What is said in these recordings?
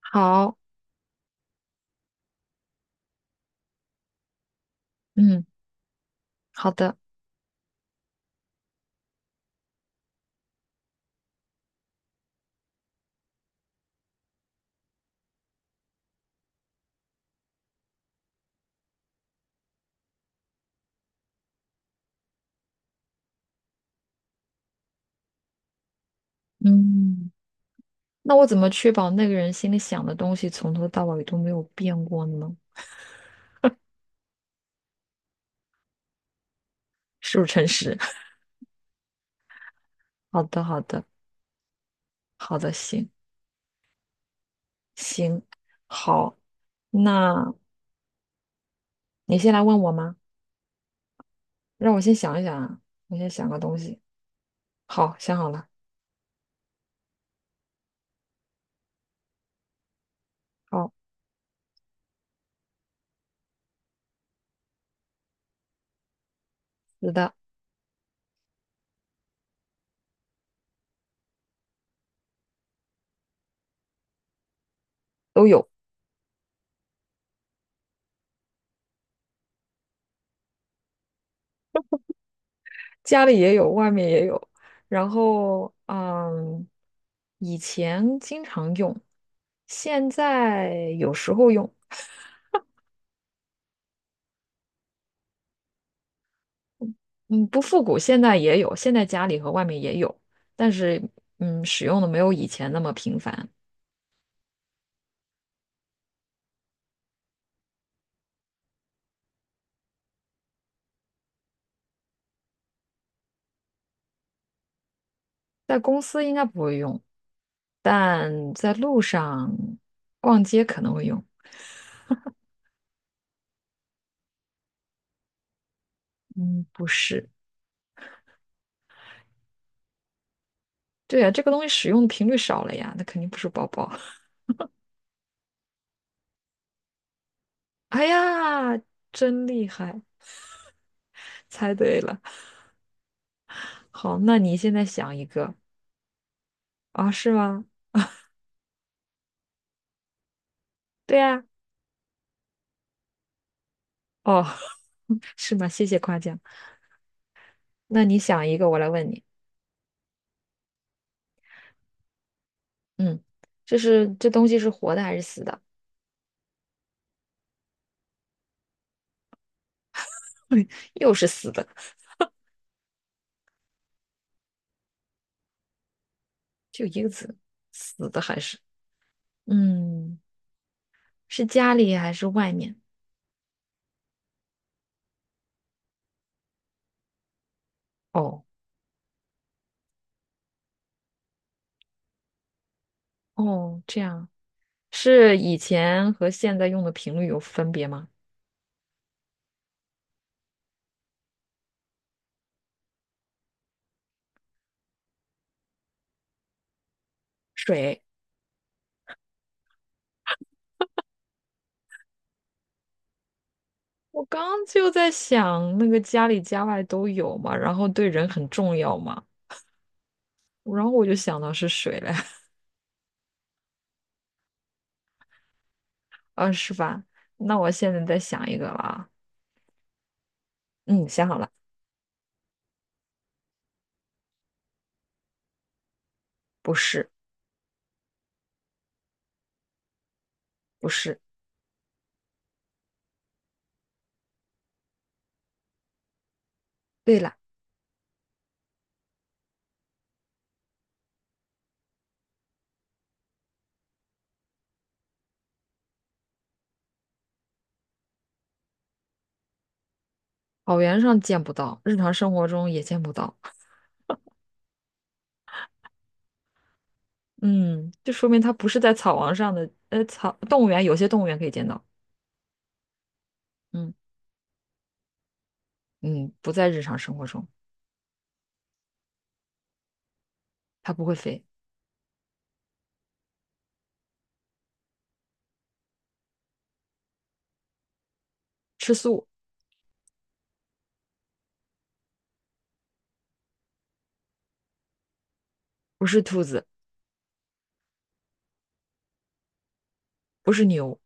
好，嗯，好的。嗯，那我怎么确保那个人心里想的东西从头到尾都没有变过呢？是不是诚实？好的，好的，好的，行行。好，那你先来问我吗？让我先想一想啊，我先想个东西。好，想好了。好。是的。都有，家里也有，外面也有。然后，以前经常用，现在有时候用。嗯，不复古，现在也有，现在家里和外面也有，但是使用的没有以前那么频繁。在公司应该不会用，但在路上逛街可能会用。嗯，不是。对呀，这个东西使用的频率少了呀，那肯定不是包包。哎呀，真厉害，猜对了。好，那你现在想一个。啊，是吗？对呀。哦，是吗？谢谢夸奖。那你想一个，我来问你。嗯，这东西是活的还是死的？又是死的，就一个字，死的还是嗯，是家里还是外面？哦哦，这样是以前和现在用的频率有分别吗？水。我刚就在想那个家里家外都有嘛，然后对人很重要嘛，然后我就想到是水了。啊，是吧？那我现在再想一个啦。嗯，想好了。不是。不是。对了。草原上见不到，日常生活中也见不到。嗯，就说明它不是在草王上的，动物园有些动物园可以见到。嗯嗯，不在日常生活中。它不会飞。吃素。不是兔子。不是牛。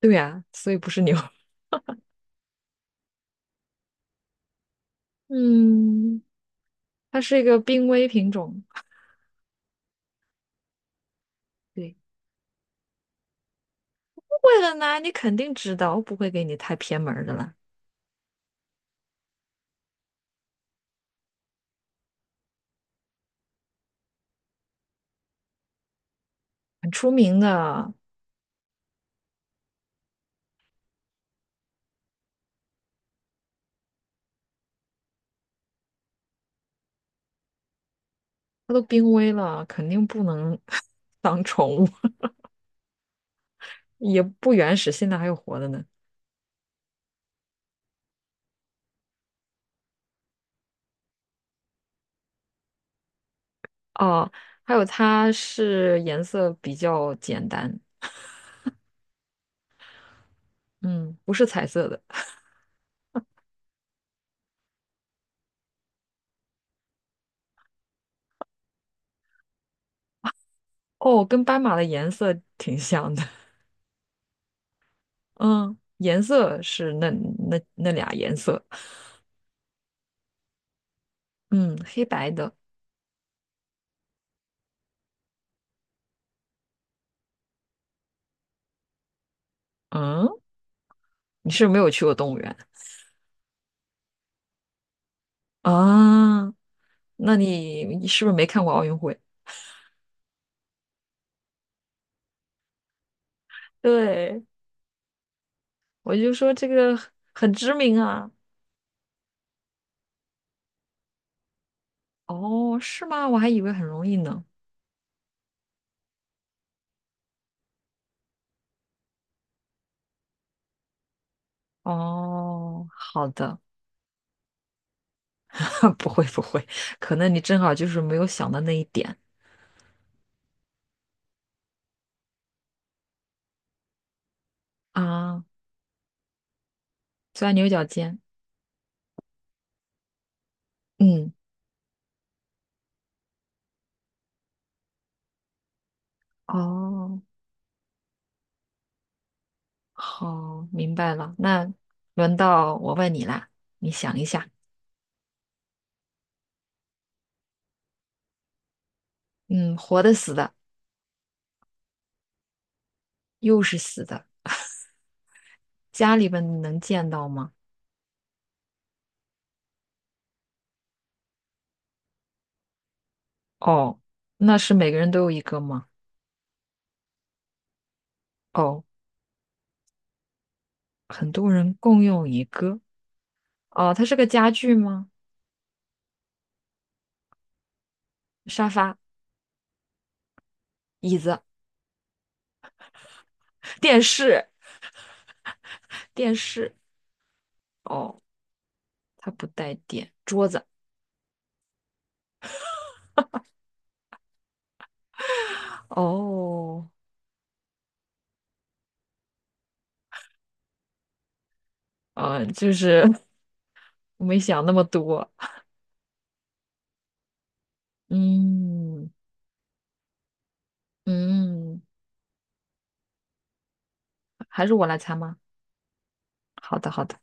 对呀，所以不是牛。嗯，它是一个濒危品种。对。不会很呢你肯定知道，我不会给你太偏门儿的啦。很出名的。它都濒危了，肯定不能 当宠物。也不原始，现在还有活的呢。哦。还有它是颜色比较简单。嗯，不是彩色的。哦，跟斑马的颜色挺像的。嗯，颜色是那那俩颜色。嗯，黑白的。嗯，你是不是没有去过动物园啊？那你你是不是没看过奥运会？对。我就说这个很知名啊。哦，是吗？我还以为很容易呢。哦，好的。不会不会，可能你正好就是没有想到那一点啊。钻牛角尖。嗯。哦。好，明白了。那轮到我问你啦，你想一下。嗯，活的、死的。又是死的。家里边能见到吗？哦，那是每个人都有一个吗？哦，很多人共用一个。哦，它是个家具吗？沙发、椅子、电视、电视。哦，它不带电，桌子。哦，就是 我没想那么多。嗯嗯。还是我来猜吗？好的，好的。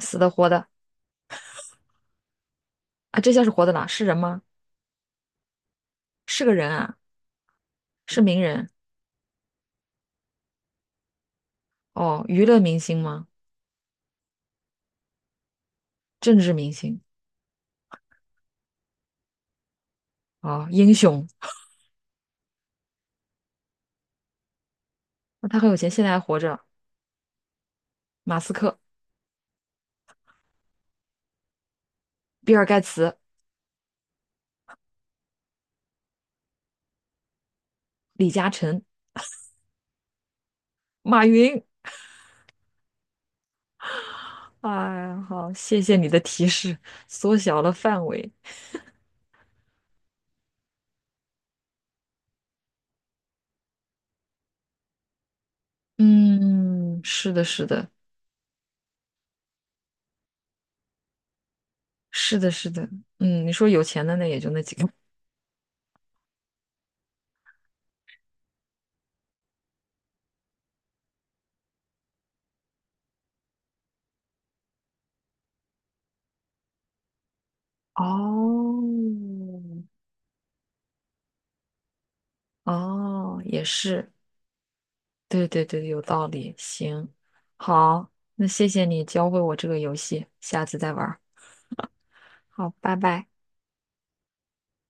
死的活的啊？这下是活的啦？是人吗？是个人啊？是名人。哦？娱乐明星吗？政治明星。哦？英雄？那他很有钱，现在还活着。马斯克、比尔盖茨、李嘉诚、马云。哎呀，好，谢谢你的提示，缩小了范围。嗯，是的，是的，是的，是的。嗯，你说有钱的那也就那几个。哦。哦，也是。对对对，有道理。行。好，那谢谢你教会我这个游戏，下次再玩儿。好，拜拜。